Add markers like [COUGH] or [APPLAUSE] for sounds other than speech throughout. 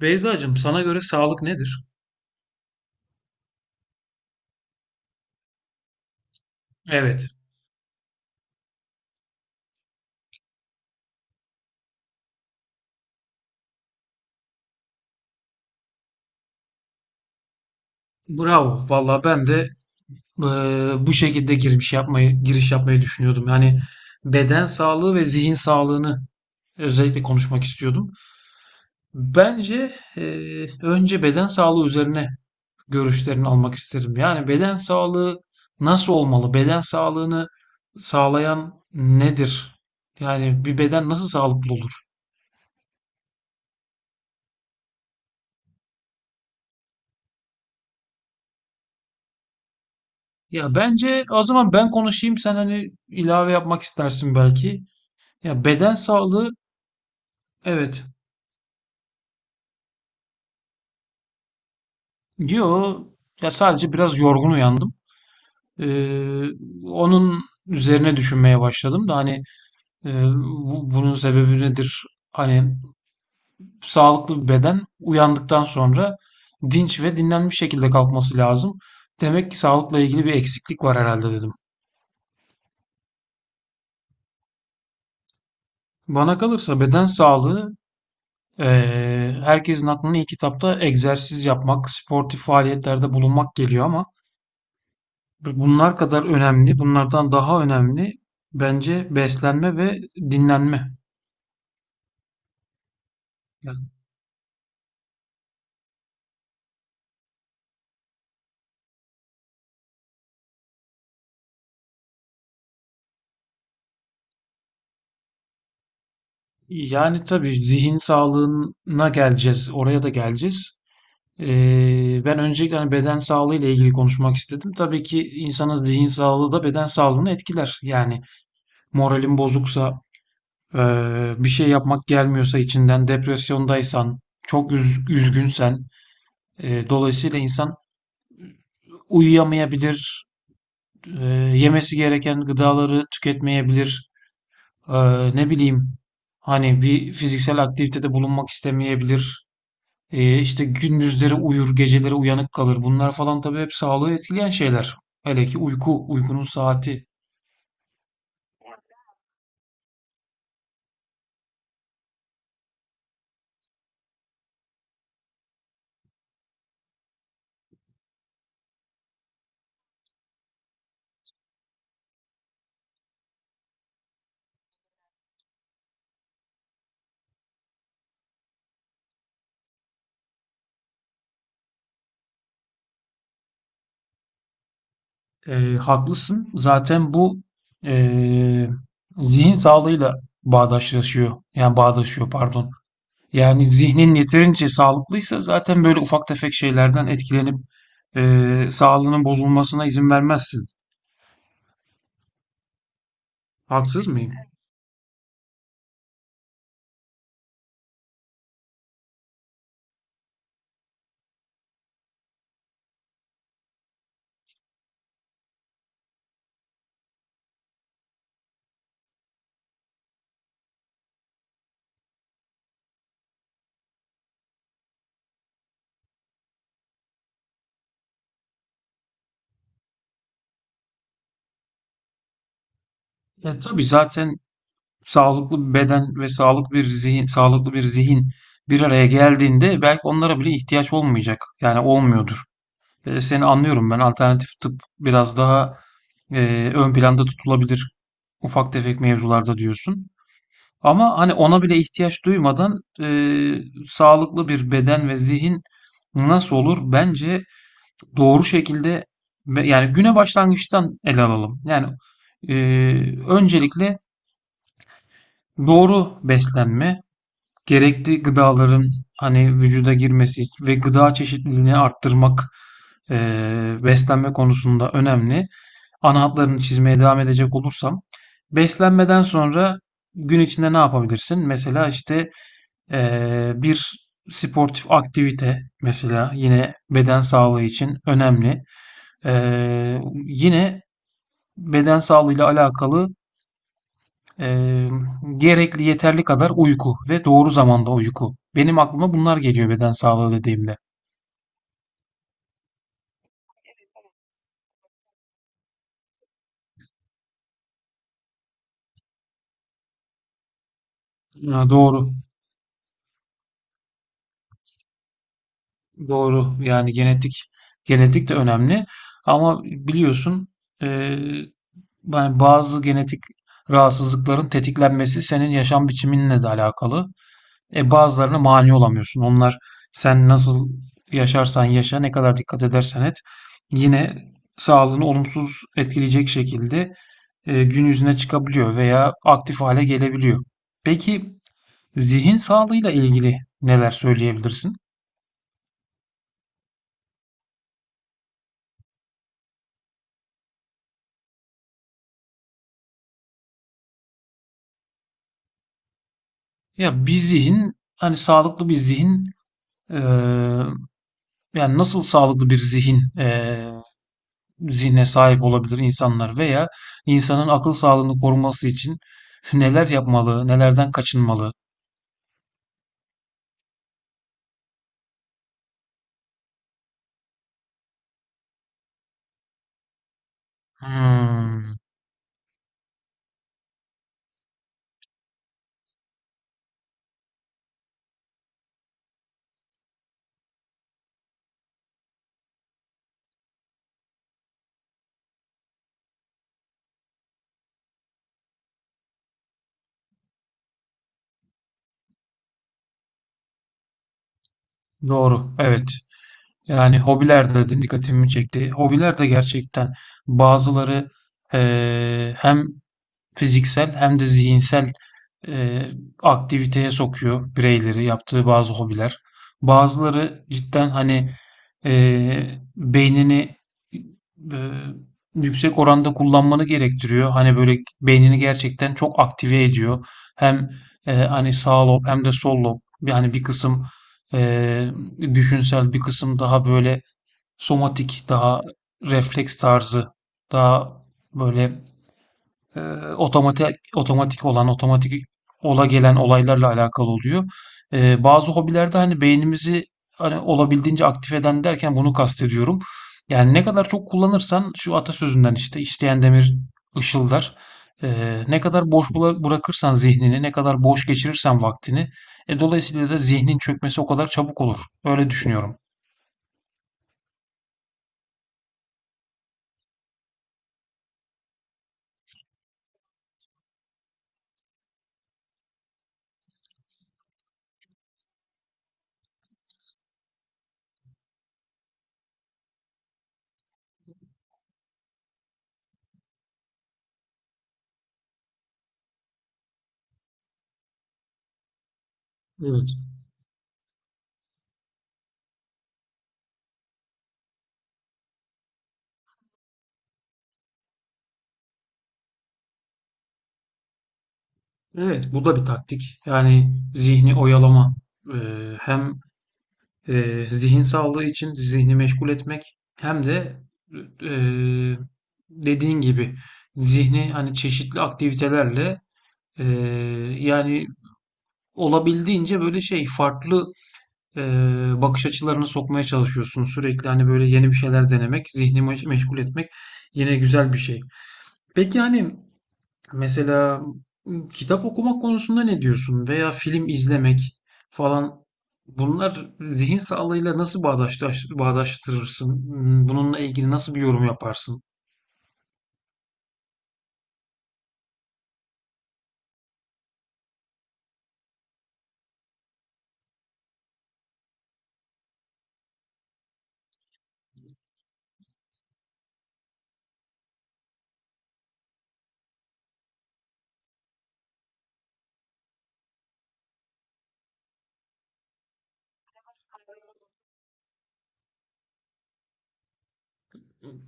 Beyzacığım, sana göre sağlık nedir? Evet. Bravo. Valla ben de bu şekilde giriş yapmayı düşünüyordum. Yani beden sağlığı ve zihin sağlığını özellikle konuşmak istiyordum. Bence önce beden sağlığı üzerine görüşlerini almak isterim. Yani beden sağlığı nasıl olmalı? Beden sağlığını sağlayan nedir? Yani bir beden nasıl sağlıklı olur? Ya bence o zaman ben konuşayım, sen hani ilave yapmak istersin belki. Ya beden sağlığı, evet. Yo, ya sadece biraz yorgun uyandım. Ee, Onun üzerine düşünmeye başladım da hani e, bunun sebebi nedir? Hani sağlıklı bir beden uyandıktan sonra dinç ve dinlenmiş şekilde kalkması lazım. Demek ki sağlıkla ilgili bir eksiklik var herhalde, dedim. Bana kalırsa beden sağlığı, e, herkesin aklına ilk kitapta egzersiz yapmak, sportif faaliyetlerde bulunmak geliyor. Ama bunlar kadar önemli, bunlardan daha önemli bence beslenme ve dinlenme. Yani, yani tabii zihin sağlığına geleceğiz, oraya da geleceğiz. Ben öncelikle hani beden sağlığı ile ilgili konuşmak istedim. Tabii ki insanın zihin sağlığı da beden sağlığını etkiler. Yani moralin bozuksa, bir şey yapmak gelmiyorsa içinden, depresyondaysan, çok üzgünsen, dolayısıyla insan uyuyamayabilir, e, yemesi gereken gıdaları tüketmeyebilir. E, Ne bileyim, hani bir fiziksel aktivitede bulunmak istemeyebilir. İşte gündüzleri uyur, geceleri uyanık kalır. Bunlar falan tabii hep sağlığı etkileyen şeyler. Hele ki uyku, uykunun saati. Haklısın. Zaten bu e, zihin sağlığıyla bağdaşlaşıyor. Yani bağdaşıyor, pardon. Yani zihnin yeterince sağlıklıysa zaten böyle ufak tefek şeylerden etkilenip sağlığının bozulmasına izin vermezsin. Haksız mıyım? Ya tabii zaten sağlıklı bir beden ve sağlıklı bir zihin, sağlıklı bir zihin bir araya geldiğinde belki onlara bile ihtiyaç olmayacak. Yani olmuyordur. Seni anlıyorum ben. Alternatif tıp biraz daha ön planda tutulabilir ufak tefek mevzularda, diyorsun. Ama hani ona bile ihtiyaç duymadan sağlıklı bir beden ve zihin nasıl olur? Bence doğru şekilde, yani güne başlangıçtan ele alalım. Yani öncelikle doğru beslenme, gerekli gıdaların hani vücuda girmesi ve gıda çeşitliliğini arttırmak beslenme konusunda önemli. Ana hatlarını çizmeye devam edecek olursam, beslenmeden sonra gün içinde ne yapabilirsin? Mesela işte bir sportif aktivite mesela yine beden sağlığı için önemli. Yine beden sağlığıyla alakalı e, gerekli yeterli kadar uyku ve doğru zamanda uyku. Benim aklıma bunlar geliyor beden sağlığı dediğimde. Ha, doğru, doğru. Yani genetik, genetik de önemli. Ama biliyorsun e, yani bazı genetik rahatsızlıkların tetiklenmesi senin yaşam biçiminle de alakalı. E, bazılarına mani olamıyorsun. Onlar sen nasıl yaşarsan yaşa, ne kadar dikkat edersen et, yine sağlığını olumsuz etkileyecek şekilde gün yüzüne çıkabiliyor veya aktif hale gelebiliyor. Peki zihin sağlığıyla ilgili neler söyleyebilirsin? Ya bir zihin, hani sağlıklı bir zihin, e, yani nasıl sağlıklı bir zihne sahip olabilir insanlar veya insanın akıl sağlığını koruması için neler yapmalı, nelerden kaçınmalı? Hmm, doğru, evet. Yani hobiler de dikkatimi çekti. Hobiler de gerçekten, bazıları hem fiziksel hem de zihinsel e, aktiviteye sokuyor bireyleri, yaptığı bazı hobiler. Bazıları cidden hani e, beynini e, yüksek oranda kullanmanı gerektiriyor. Hani böyle beynini gerçekten çok aktive ediyor. Hem hani sağ lob hem de sol lob, yani bir kısım e, düşünsel, bir kısım daha böyle somatik, daha refleks tarzı, daha böyle e, otomatik ola gelen olaylarla alakalı oluyor. Bazı hobilerde hani beynimizi hani olabildiğince aktif eden derken bunu kastediyorum. Yani ne kadar çok kullanırsan, şu atasözünden işte, işleyen demir ışıldar. Ne kadar boş bırakırsan zihnini, ne kadar boş geçirirsen vaktini, dolayısıyla da zihnin çökmesi o kadar çabuk olur. Öyle düşünüyorum. Evet. Evet, bu da bir taktik. Yani zihni oyalama. Hem zihin sağlığı için zihni meşgul etmek, hem de e, dediğin gibi zihni hani çeşitli aktivitelerle, e, yani olabildiğince böyle şey, farklı e, bakış açılarına sokmaya çalışıyorsun. Sürekli hani böyle yeni bir şeyler denemek, zihni meşgul etmek yine güzel bir şey. Peki hani, mesela, kitap okumak konusunda ne diyorsun? Veya film izlemek falan. Bunlar zihin sağlığıyla nasıl bağdaştırırsın? Bununla ilgili nasıl bir yorum yaparsın?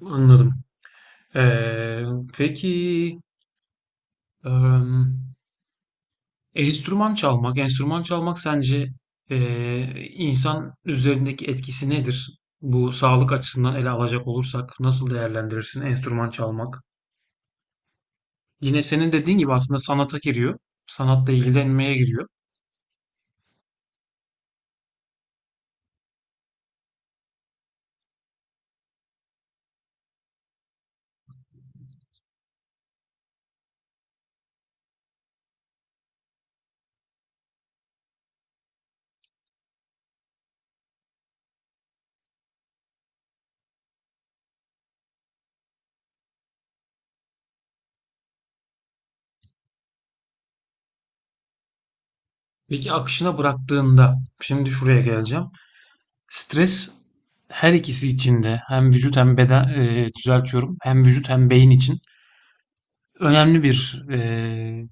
Anladım. Ee, peki em, enstrüman çalmak sence e, insan üzerindeki etkisi nedir? Bu sağlık açısından ele alacak olursak nasıl değerlendirirsin enstrüman çalmak? Yine senin dediğin gibi aslında sanata giriyor. Sanatla ilgilenmeye giriyor. Peki akışına bıraktığında, şimdi şuraya geleceğim. Stres her ikisi için de, hem vücut hem beden, düzeltiyorum, hem vücut hem beyin için önemli bir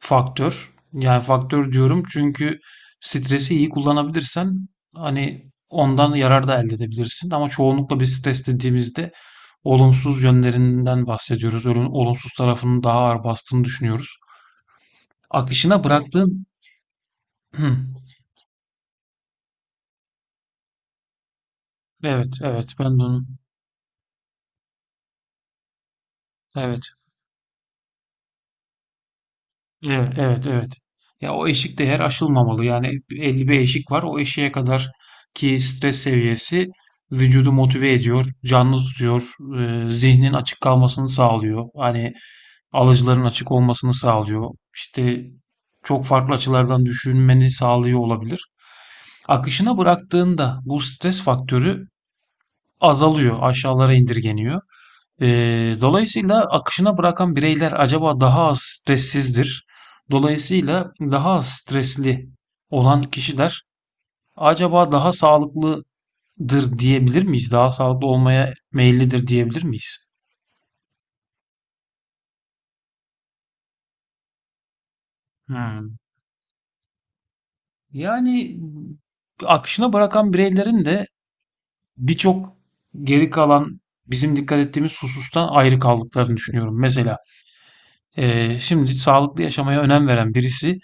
faktör. Yani faktör diyorum çünkü stresi iyi kullanabilirsen hani ondan yarar da elde edebilirsin. Ama çoğunlukla bir stres dediğimizde olumsuz yönlerinden bahsediyoruz. Olumsuz tarafının daha ağır bastığını düşünüyoruz. Akışına bıraktığın... [CLEARS THROAT] Hı, evet, evet ben de onu... Evet. Evet, evet, evet. Ya o eşik değer aşılmamalı. Yani belli bir eşik var. O eşiğe kadar ki stres seviyesi vücudu motive ediyor, canlı tutuyor, zihnin açık kalmasını sağlıyor. Hani alıcıların açık olmasını sağlıyor. İşte çok farklı açılardan düşünmeni sağlıyor olabilir. Akışına bıraktığında bu stres faktörü azalıyor, aşağılara indirgeniyor. Dolayısıyla akışına bırakan bireyler acaba daha az stressizdir. Dolayısıyla daha az stresli olan kişiler acaba daha sağlıklıdır diyebilir miyiz? Daha sağlıklı olmaya meyillidir diyebilir miyiz? Hmm. Yani akışına bırakan bireylerin de birçok geri kalan bizim dikkat ettiğimiz husustan ayrı kaldıklarını düşünüyorum. Mesela şimdi sağlıklı yaşamaya önem veren birisi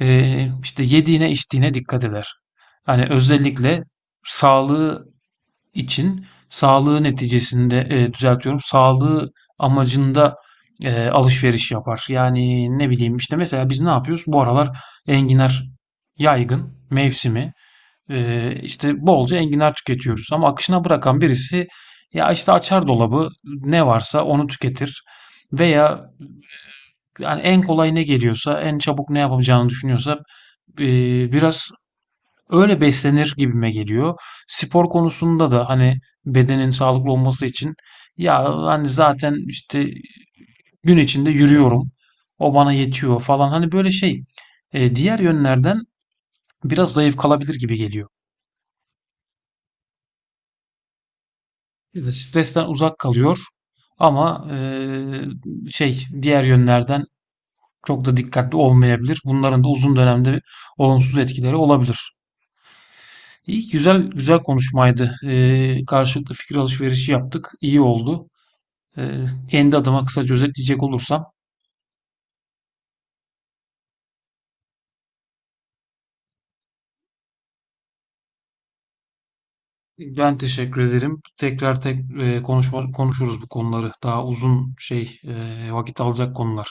işte yediğine içtiğine dikkat eder. Hani özellikle sağlığı için, sağlığı neticesinde, düzeltiyorum. Sağlığı amacında alışveriş yapar. Yani ne bileyim, işte mesela biz ne yapıyoruz? Bu aralar enginar yaygın mevsimi. İşte bolca enginar tüketiyoruz. Ama akışına bırakan birisi, ya işte açar dolabı, ne varsa onu tüketir. Veya yani en kolay ne geliyorsa, en çabuk ne yapacağını düşünüyorsa, biraz öyle beslenir gibime geliyor. Spor konusunda da hani bedenin sağlıklı olması için, ya hani zaten işte gün içinde yürüyorum, o bana yetiyor falan. Hani böyle şey diğer yönlerden biraz zayıf kalabilir gibi geliyor. Evet. Stresten uzak kalıyor ama şey, diğer yönlerden çok da dikkatli olmayabilir. Bunların da uzun dönemde olumsuz etkileri olabilir. İyi, güzel güzel konuşmaydı. Karşılıklı fikir alışverişi yaptık. İyi oldu. Ee, Kendi adıma kısaca özetleyecek olursam, ben teşekkür ederim. Tekrar konuşuruz bu konuları. Daha uzun şey, vakit alacak konular.